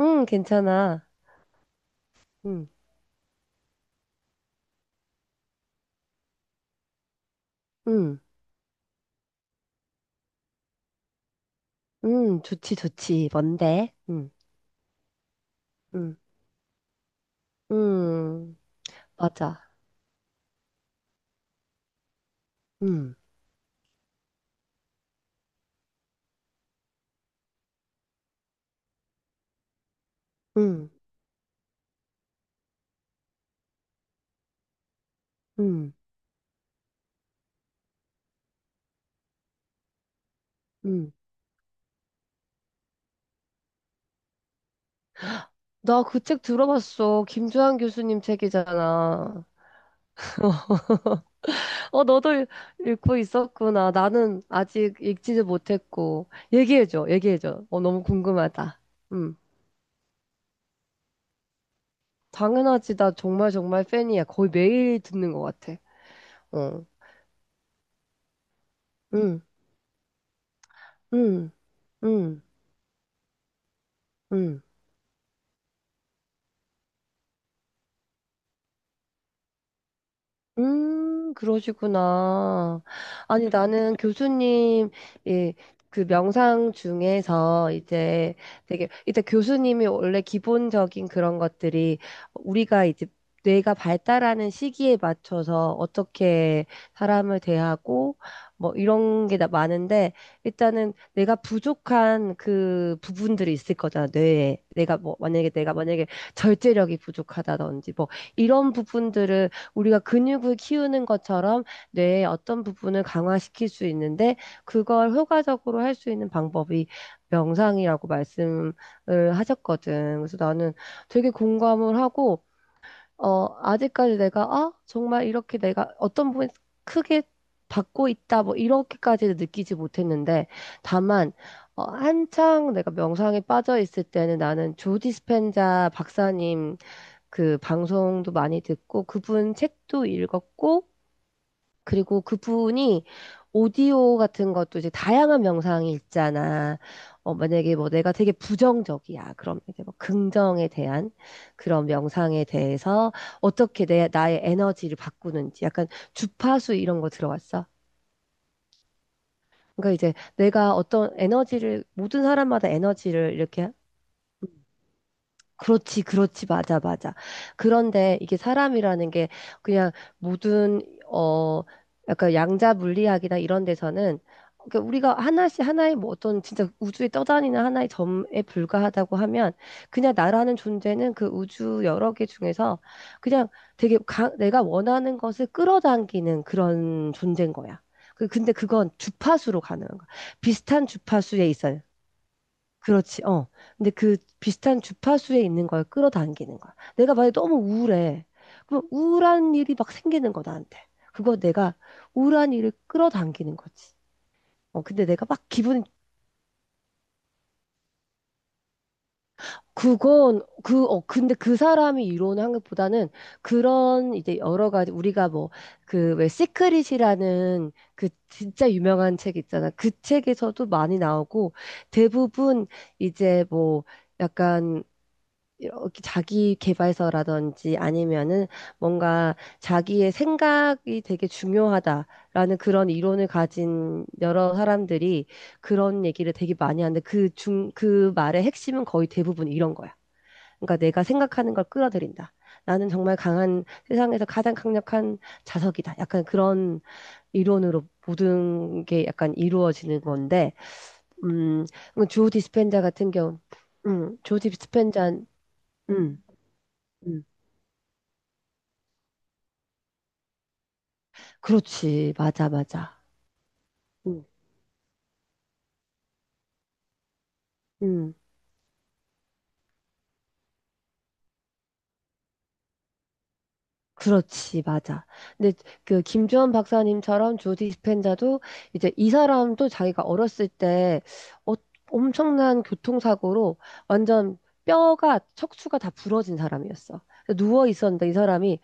응, 괜찮아. 응, 응, 응, 좋지, 좋지. 뭔데? 응, 응, 응, 맞아. 응, 응, 응, 응. 나 그 책 들어봤어. 김주한 교수님 책이잖아. 어, 읽고 있었구나. 나는 아직 읽지도 못했고. 얘기해줘, 얘기해줘. 어, 너무 궁금하다. 응, 당연하지. 나 정말 정말 팬이야. 거의 매일 듣는 것 같아. 어, 응, 응, 응, 응. 그러시구나. 아니, 나는 예, 그 명상 중에서 이제 되게, 일단 교수님이 원래 기본적인 그런 것들이 우리가 이제 뇌가 발달하는 시기에 맞춰서 어떻게 사람을 대하고 뭐 이런 게 다 많은데, 일단은 내가 부족한 그 부분들이 있을 거잖아, 뇌에. 내가 뭐, 만약에 절제력이 부족하다든지 뭐 이런 부분들을, 우리가 근육을 키우는 것처럼 뇌의 어떤 부분을 강화시킬 수 있는데, 그걸 효과적으로 할 수 있는 방법이 명상이라고 말씀을 하셨거든. 그래서 나는 되게 공감을 하고, 어 아직까지 내가 아 정말 이렇게 내가 어떤 부분 크게 받고 있다 뭐 이렇게까지 느끼지 못했는데, 다만 어, 한창 내가 명상에 빠져 있을 때는 나는 조 디스펜자 박사님 그 방송도 많이 듣고 그분 책도 읽었고, 그리고 그분이 오디오 같은 것도 이제 다양한 명상이 있잖아. 어, 만약에 뭐 내가 되게 부정적이야. 그럼 이제 뭐 긍정에 대한 그런 명상에 대해서 어떻게 나의 에너지를 바꾸는지 약간 주파수 이런 거 들어왔어. 그러니까 이제 내가 어떤 에너지를 모든 사람마다 에너지를 이렇게. 그렇지, 그렇지, 맞아, 맞아. 그런데 이게 사람이라는 게 그냥 모든, 어, 약간 양자 물리학이나 이런 데서는, 그러니까 우리가 하나씩 하나의 뭐 어떤 진짜 우주에 떠다니는 하나의 점에 불과하다고 하면, 그냥 나라는 존재는 그 우주 여러 개 중에서 그냥 되게 내가 원하는 것을 끌어당기는 그런 존재인 거야. 근데 그건 주파수로 가능한 거야. 비슷한 주파수에 있어. 그렇지, 어. 근데 그 비슷한 주파수에 있는 걸 끌어당기는 거야. 내가 만약에 너무 우울해. 그럼 우울한 일이 막 생기는 거, 나한테. 그거 내가 우울한 일을 끌어당기는 거지. 어, 근데 내가 막 그건, 그, 어, 근데 그 사람이 이루는 한것보다는 그런 이제 여러 가지, 우리가 뭐, 그 왜 시크릿이라는 그 진짜 유명한 책 있잖아. 그 책에서도 많이 나오고 대부분 이제 뭐, 약간 이렇게 자기 개발서라든지 아니면은 뭔가 자기의 생각이 되게 중요하다라는 그런 이론을 가진 여러 사람들이 그런 얘기를 되게 많이 하는데 그 말의 핵심은 거의 대부분 이런 거야. 그러니까 내가 생각하는 걸 끌어들인다. 나는 정말 강한 세상에서 가장 강력한 자석이다. 약간 그런 이론으로 모든 게 약간 이루어지는 건데, 음, 조 디스펜자 같은 경우, 조 디스펜자, 음. 음. 그렇지. 맞아, 맞아. 음, 음, 그렇지, 맞아. 근데 그 김주원 박사님처럼 조디 스펜자도 이제 이 사람도 자기가 어렸을 때 어- 엄청난 교통사고로 완전 뼈가 척추가 다 부러진 사람이었어. 누워 있었는데 이 사람이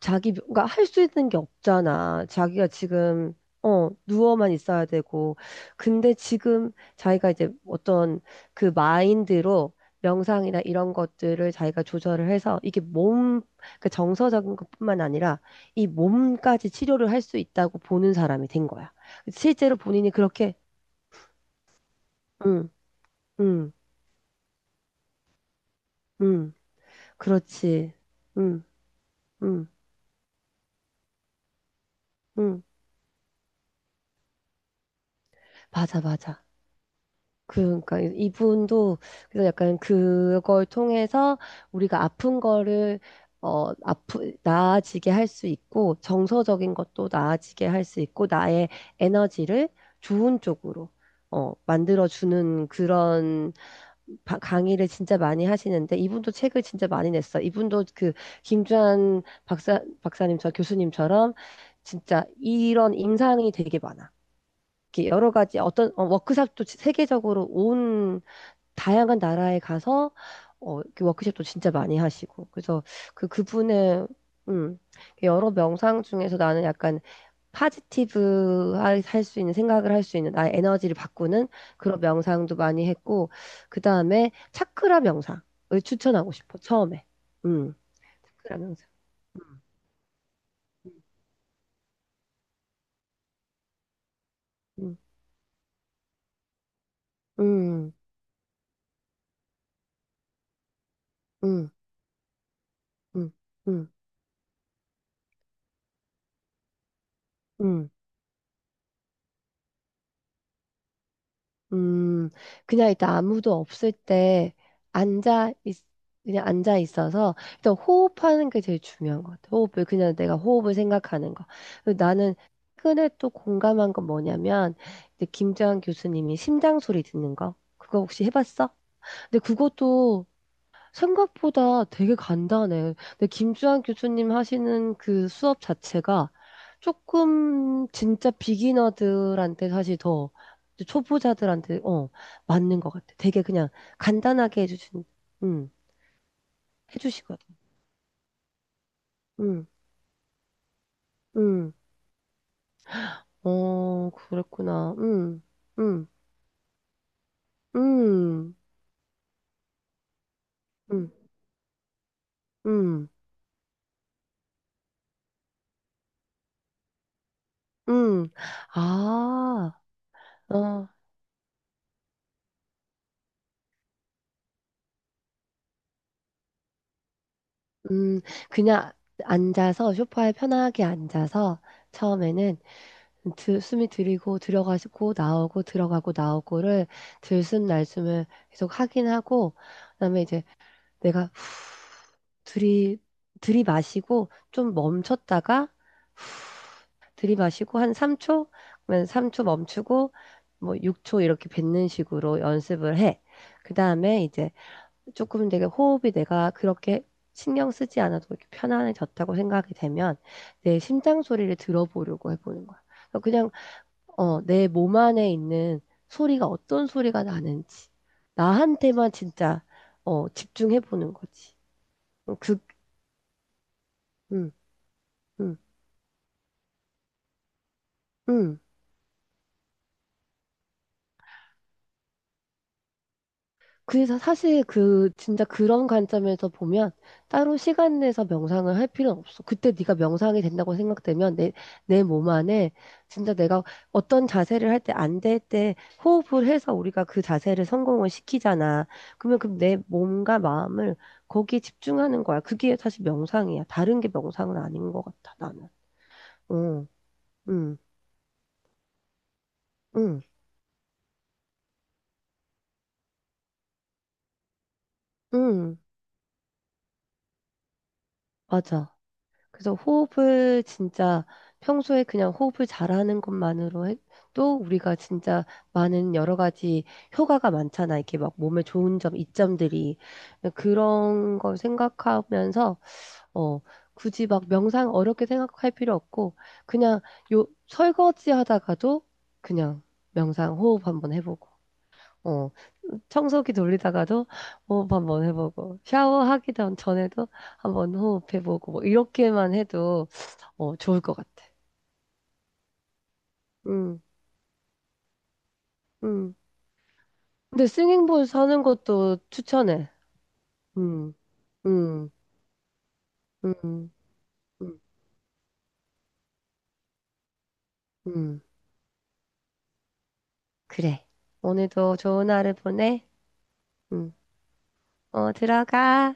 자기, 가 할 수 있는 게 없잖아. 자기가 지금, 어, 누워만 있어야 되고. 근데 지금 자기가 이제 어떤 그 마인드로 명상이나 이런 것들을 자기가 조절을 해서 이게 몸, 그 정서적인 것뿐만 아니라 이 몸까지 치료를 할 수 있다고 보는 사람이 된 거야. 실제로 본인이 그렇게, 응, 응, 응, 그렇지. 응, 응, 응. 맞아, 맞아. 그, 그러니까 이분도 그래서 약간 그걸 통해서 우리가 아픈 거를 어 아프 나아지게 할 수 있고 정서적인 것도 나아지게 할 수 있고 나의 에너지를 좋은 쪽으로 어 만들어 주는 그런 강의를 진짜 많이 하시는데 이분도 책을 진짜 많이 냈어. 이분도 그 김주한 박사님 저 교수님처럼 진짜 이런 임상이 되게 많아. 이렇게 여러 가지 어떤 어, 워크샵도 세계적으로 온 다양한 나라에 가서 어, 이렇게 워크숍도 진짜 많이 하시고 그래서 그 그분의 음, 여러 명상 중에서 나는 약간 파지티브 할 수 있는 생각을 할 수 있는 나의 에너지를 바꾸는 그런 명상도 많이 했고, 그 다음에 차크라 명상을 추천하고 싶어 처음에. 음. 차크라 명상. 음음음음음음 음, 그냥 일단 아무도 없을 때 앉아, 있, 그냥 앉아 있어서 일단 호흡하는 게 제일 중요한 것 같아. 호흡을, 그냥 내가 호흡을 생각하는 거. 그리고 나는 최근에 또 공감한 건 뭐냐면, 이제 김재환 교수님이 심장 소리 듣는 거. 그거 혹시 해봤어? 근데 그것도 생각보다 되게 간단해. 근데 김주환 교수님 하시는 그 수업 자체가 조금 진짜 비기너들한테 사실 더 초보자들한테 어 맞는 것 같아. 되게 그냥 간단하게 해주신, 음 해주시거든. 음, 음, 어 그랬구나. 음, 음, 음, 음, 음. 아, 어, 음, 그냥 앉아서 소파에 편하게 앉아서 처음에는 숨이 들이고 들어가고 나오고 들어가고 나오고를 들숨 날숨을 계속 하긴 하고, 그다음에 이제 내가 후, 들이 들이마시고 좀 멈췄다가 들이마시고 한 3초. 그러면 3초 멈추고 뭐 6초 이렇게 뱉는 식으로 연습을 해. 그다음에 이제 조금 되게 호흡이 내가 그렇게 신경 쓰지 않아도 이렇게 편안해졌다고 생각이 되면 내 심장 소리를 들어보려고 해보는 거야. 그냥 어, 내 몸 안에 있는 소리가 어떤 소리가 나는지. 나한테만 진짜, 어, 집중해 보는 거지. 어, 그, 음, 음, 음. 그래서 사실 그 진짜 그런 관점에서 보면 따로 시간 내서 명상을 할 필요는 없어. 그때 네가 명상이 된다고 생각되면 내 몸 안에 진짜 내가 어떤 자세를 할 때 안 될 때 호흡을 해서 우리가 그 자세를 성공을 시키잖아. 그러면 그럼 내 몸과 마음을 거기에 집중하는 거야. 그게 사실 명상이야. 다른 게 명상은 아닌 것 같아. 나는. 응, 응, 응, 응. 맞아. 그래서 호흡을 진짜 평소에 그냥 호흡을 잘하는 것만으로 또 우리가 진짜 많은 여러 가지 효과가 많잖아. 이렇게 막 몸에 좋은 점, 이점들이. 그런 걸 생각하면서, 어, 굳이 막 명상 어렵게 생각할 필요 없고, 그냥 요 설거지 하다가도 그냥 명상 호흡 한번 해보고. 어, 청소기 돌리다가도 호흡 한번 해보고, 전에도 한번 호흡해보고, 뭐, 이렇게만 해도, 어, 좋을 것 같아. 음, 음. 근데 싱잉볼 사는 것도 추천해. 음, 음, 음, 음, 음. 그래. 오늘도 좋은 하루 보내. 음, 어, 들어가.